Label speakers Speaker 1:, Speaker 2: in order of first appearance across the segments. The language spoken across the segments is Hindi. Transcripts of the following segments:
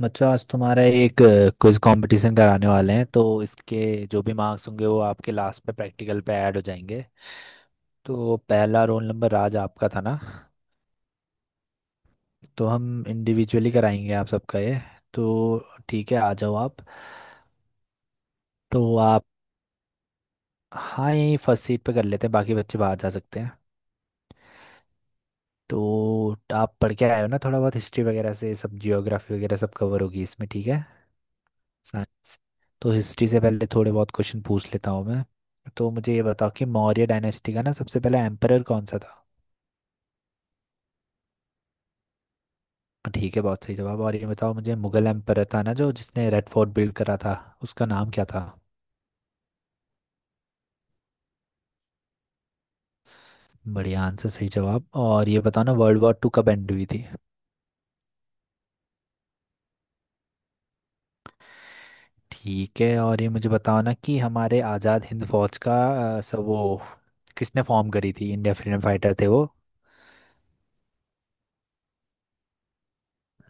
Speaker 1: बच्चों आज तुम्हारा एक क्विज कंपटीशन कराने वाले हैं। तो इसके जो भी मार्क्स होंगे वो आपके लास्ट पे प्रैक्टिकल पे ऐड हो जाएंगे। तो पहला रोल नंबर आज आपका था ना। तो हम इंडिविजुअली कराएंगे आप सबका ये। तो ठीक है, आ जाओ आप। तो आप, हाँ यहीं फर्स्ट सीट पे कर लेते हैं, बाकी बच्चे बाहर जा सकते हैं। तो आप पढ़ के आए हो ना, थोड़ा बहुत हिस्ट्री वगैरह से सब, जियोग्राफी वगैरह सब कवर होगी इसमें, ठीक है। साइंस। तो हिस्ट्री से पहले थोड़े बहुत क्वेश्चन पूछ लेता हूँ मैं। तो मुझे ये बताओ कि मौर्य डायनेस्टी का ना सबसे पहला एम्परर कौन सा था। ठीक है, बहुत सही जवाब। और ये बताओ मुझे, मुगल एम्परर था ना जो जिसने रेड फोर्ट बिल्ड करा था, उसका नाम क्या था। बढ़िया आंसर, सही जवाब। और ये बताओ ना, वर्ल्ड वॉर टू कब एंड हुई थी। ठीक है। और ये मुझे बताओ ना कि हमारे आज़ाद हिंद फौज का सब वो किसने फॉर्म करी थी। इंडिया फ्रीडम फाइटर थे वो।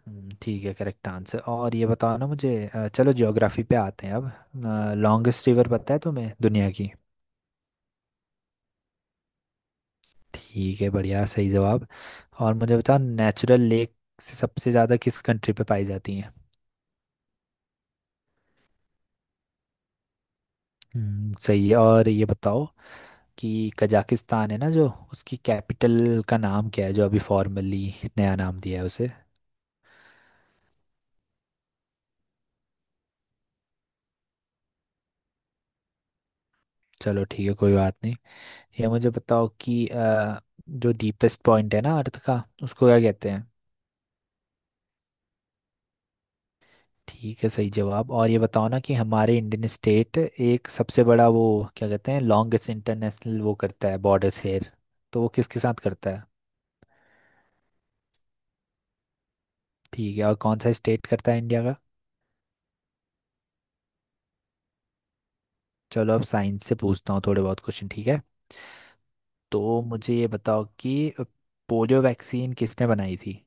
Speaker 1: ठीक है, करेक्ट आंसर। और ये बताओ ना मुझे, चलो ज्योग्राफी पे आते हैं अब। लॉन्गेस्ट रिवर पता है तुम्हें दुनिया की। ठीक है, बढ़िया, सही जवाब। और मुझे बताओ नेचुरल लेक से सबसे ज़्यादा किस कंट्री पे पाई जाती हैं। सही है। और ये बताओ कि कजाकिस्तान है ना जो, उसकी कैपिटल का नाम क्या है, जो अभी फॉर्मली नया नाम दिया है उसे। चलो ठीक है, कोई बात नहीं। ये मुझे बताओ कि जो डीपेस्ट पॉइंट है ना अर्थ का, उसको क्या कहते हैं। ठीक है, सही जवाब। और ये बताओ ना कि हमारे इंडियन स्टेट, एक सबसे बड़ा वो, क्या कहते हैं लॉन्गेस्ट इंटरनेशनल वो करता है बॉर्डर शेयर, तो वो किसके साथ करता है। ठीक है, और कौन सा स्टेट करता है इंडिया का। चलो अब साइंस से पूछता हूँ थोड़े बहुत क्वेश्चन, ठीक है। तो मुझे ये बताओ कि पोलियो वैक्सीन किसने बनाई थी,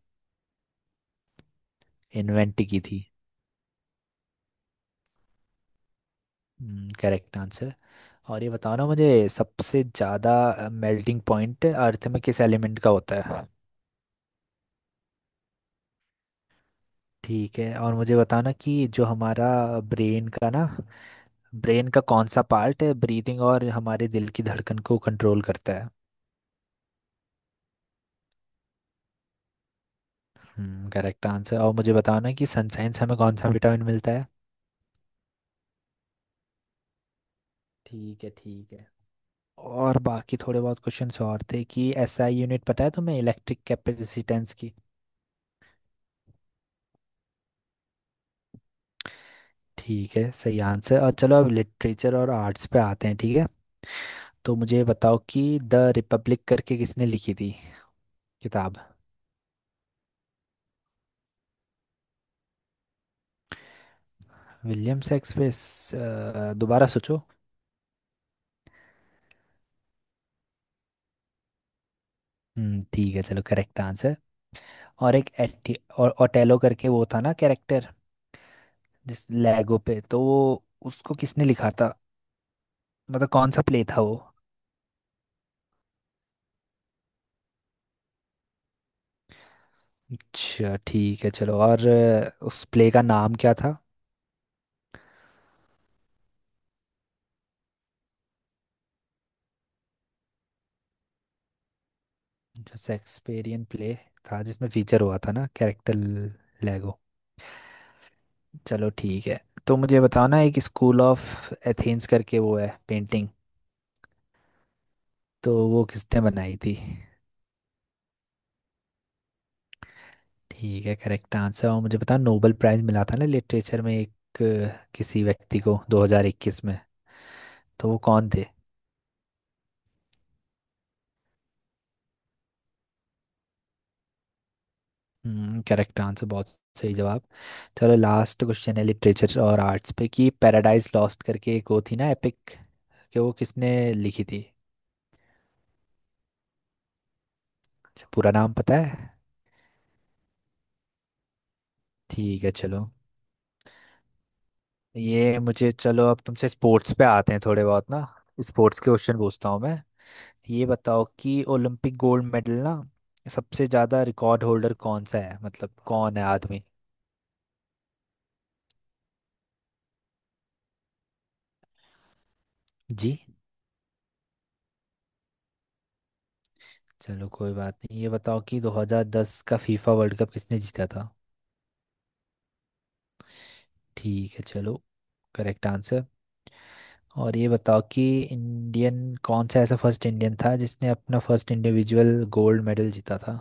Speaker 1: इन्वेंट की थी। Correct answer. और ये बताओ ना मुझे, सबसे ज़्यादा मेल्टिंग पॉइंट अर्थ में किस एलिमेंट का होता है। ठीक है। और मुझे बताओ ना कि जो हमारा ब्रेन का ना, ब्रेन का कौन सा पार्ट है ब्रीदिंग और हमारे दिल की धड़कन को कंट्रोल करता है। हम्म, करेक्ट आंसर। और मुझे बताओ ना कि सनसाइन से हमें कौन सा विटामिन मिलता है। ठीक है ठीक है। और बाकी थोड़े बहुत क्वेश्चंस और थे, कि एसआई यूनिट पता है तुम्हें इलेक्ट्रिक कैपेसिटेंस की। ठीक है, सही आंसर। और चलो अब लिटरेचर और आर्ट्स पे आते हैं, ठीक है। तो मुझे बताओ कि द रिपब्लिक करके किसने लिखी थी किताब। विलियम शेक्सपियर दोबारा सोचो। हम्म, ठीक है चलो, करेक्ट आंसर। और एक एटी और ओटेलो करके वो था ना कैरेक्टर, जिस लैगो पे, तो वो उसको किसने लिखा था, मतलब कौन सा प्ले था वो। अच्छा, ठीक है चलो। और उस प्ले का नाम क्या था। जो शेक्सपियरियन प्ले था, जिसमें फीचर हुआ था ना कैरेक्टर लैगो। चलो ठीक है। तो मुझे बताओ ना, एक स्कूल ऑफ एथेंस करके वो है पेंटिंग, तो वो किसने बनाई थी। ठीक है, करेक्ट आंसर। और मुझे पता, नोबेल प्राइज मिला था ना लिटरेचर में एक, किसी व्यक्ति को 2021 में, तो वो कौन थे। हम्म, करेक्ट आंसर, बहुत सही जवाब। चलो लास्ट क्वेश्चन है लिटरेचर और आर्ट्स पे, कि पैराडाइज लॉस्ट करके एक वो थी ना एपिक, कि वो किसने लिखी थी। अच्छा, पूरा नाम पता है। ठीक है चलो। ये मुझे, चलो अब तुमसे स्पोर्ट्स पे आते हैं, थोड़े बहुत ना स्पोर्ट्स के क्वेश्चन पूछता हूँ मैं। ये बताओ कि ओलंपिक गोल्ड मेडल ना सबसे ज़्यादा रिकॉर्ड होल्डर कौन सा है, मतलब कौन है आदमी। जी। चलो कोई बात नहीं, ये बताओ कि 2010 का फीफा वर्ल्ड कप किसने जीता था। ठीक है चलो, करेक्ट आंसर। और ये बताओ कि इंडियन कौन सा ऐसा फर्स्ट इंडियन था जिसने अपना फर्स्ट इंडिविजुअल गोल्ड मेडल जीता था।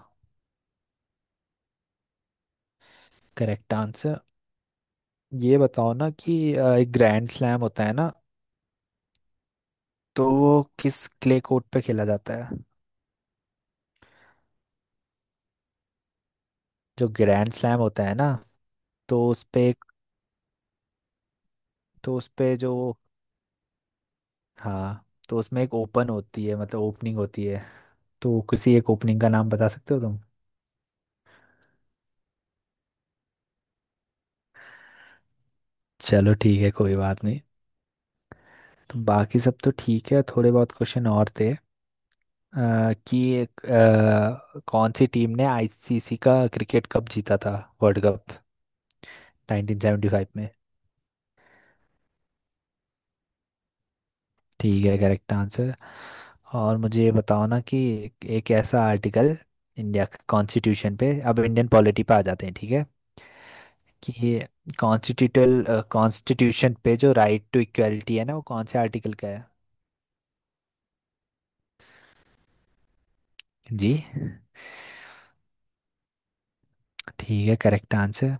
Speaker 1: Correct answer. ये बताओ ना कि एक ग्रैंड स्लैम होता है ना, तो वो किस क्ले कोर्ट पे खेला जाता है। जो ग्रैंड स्लैम होता है ना, तो उस पे, तो उस पे जो, हाँ तो उसमें एक ओपन होती है, मतलब ओपनिंग होती है, तो किसी एक ओपनिंग का नाम बता सकते हो तुम। चलो ठीक है, कोई बात नहीं। तो बाकी सब तो ठीक है, थोड़े बहुत क्वेश्चन और थे, कि एक, कौन सी टीम ने आईसीसी का क्रिकेट कप जीता था, वर्ल्ड कप, 1975 में। ठीक है, करेक्ट आंसर। और मुझे ये बताओ ना कि एक एक ऐसा आर्टिकल, इंडिया के कॉन्स्टिट्यूशन पे, अब इंडियन पॉलिटी पे आ जाते हैं ठीक है, कि ये कॉन्स्टिट्यूटल कॉन्स्टिट्यूशन पे जो राइट टू इक्वलिटी है ना, वो कौन से आर्टिकल का है। जी, ठीक है करेक्ट आंसर।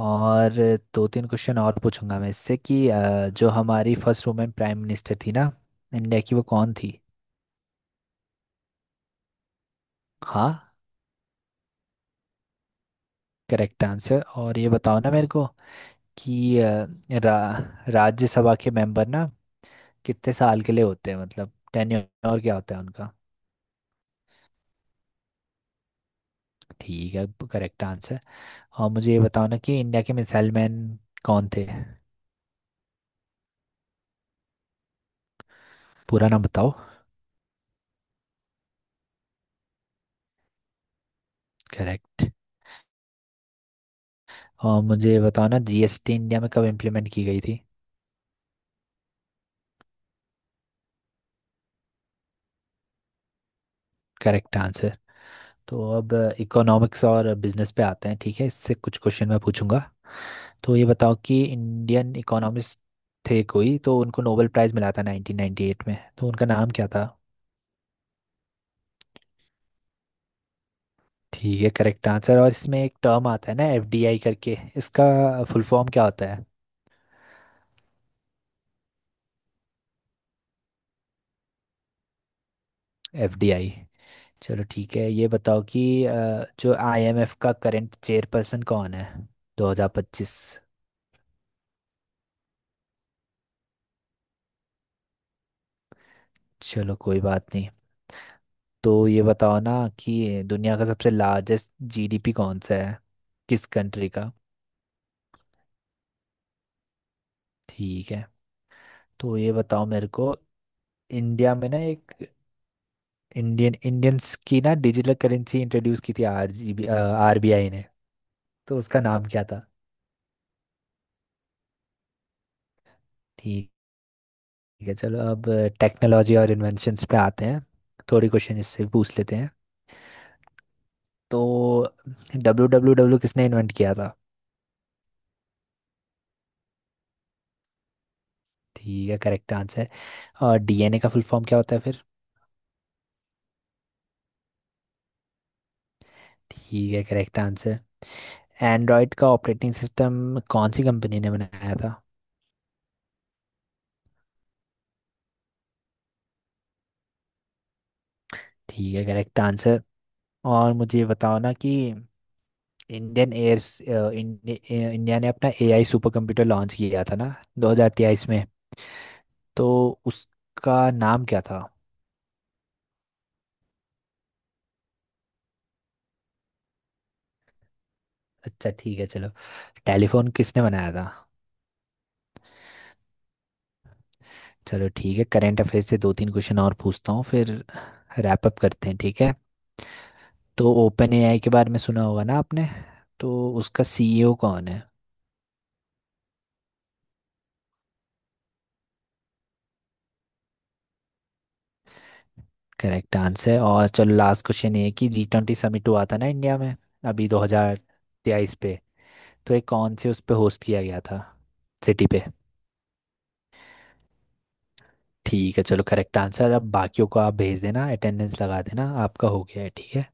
Speaker 1: और दो तीन क्वेश्चन और पूछूंगा मैं इससे, कि जो हमारी फर्स्ट वुमेन प्राइम मिनिस्टर थी ना इंडिया की, वो कौन थी। हाँ, करेक्ट आंसर। और ये बताओ ना मेरे को कि राज्यसभा के मेंबर ना कितने साल के लिए होते हैं, मतलब टेन्योर क्या होता है उनका। ठीक है, करेक्ट आंसर। और मुझे ये बताओ ना कि इंडिया के मिसाइल मैन कौन थे। पूरा नाम बताओ। करेक्ट। और मुझे ये बताओ ना, जीएसटी इंडिया में कब इम्प्लीमेंट की गई थी। Correct answer. तो अब इकोनॉमिक्स और बिजनेस पे आते हैं, ठीक है, इससे कुछ क्वेश्चन मैं पूछूंगा। तो ये बताओ कि इंडियन इकोनॉमिस्ट थे कोई, तो उनको नोबेल प्राइज़ मिला था 1998 में, तो उनका नाम क्या था। ठीक है, करेक्ट आंसर। और इसमें एक टर्म आता है ना, एफडीआई करके, इसका फुल फॉर्म क्या होता है, एफडीआई। चलो ठीक है। ये बताओ कि जो आईएमएफ का करंट चेयरपर्सन कौन है 2025। चलो कोई बात नहीं। तो ये बताओ ना कि दुनिया का सबसे लार्जेस्ट जीडीपी कौन सा है, किस कंट्री का। ठीक है। तो ये बताओ मेरे को, इंडिया में ना एक इंडियन इंडियंस की ना डिजिटल करेंसी इंट्रोड्यूस की थी आरजीबी आरबीआई ने, तो उसका नाम क्या था। ठीक है चलो। अब टेक्नोलॉजी और इन्वेंशंस पे आते हैं, थोड़ी क्वेश्चन इससे भी पूछ लेते हैं। तो डब्ल्यू डब्ल्यू डब्ल्यू किसने इन्वेंट किया था। ठीक है, करेक्ट आंसर। और डीएनए का फुल फॉर्म क्या होता है फिर। ठीक है, करेक्ट आंसर। एंड्रॉयड का ऑपरेटिंग सिस्टम कौन सी कंपनी ने बनाया था। ठीक है, करेक्ट आंसर। और मुझे ये बताओ ना कि इंडियन एयर इंडिया ने अपना एआई सुपर कंप्यूटर लॉन्च किया था ना 2023 में, तो उसका नाम क्या था। अच्छा ठीक है चलो। टेलीफोन किसने बनाया था। चलो ठीक है, करंट अफेयर्स से दो तीन क्वेश्चन और पूछता हूँ फिर रैप अप करते हैं, ठीक है। तो ओपन एआई के बारे में सुना होगा ना आपने, तो उसका सीईओ कौन है। करेक्ट आंसर है। और चलो लास्ट क्वेश्चन ये है कि जी ट्वेंटी समिट हुआ था ना इंडिया में, अभी दो हजार तेईस पे, तो ये कौन से उस पे होस्ट किया गया था, सिटी पे। ठीक है चलो, करेक्ट आंसर। अब बाकियों को आप भेज देना, अटेंडेंस लगा देना, आपका हो गया है, ठीक है।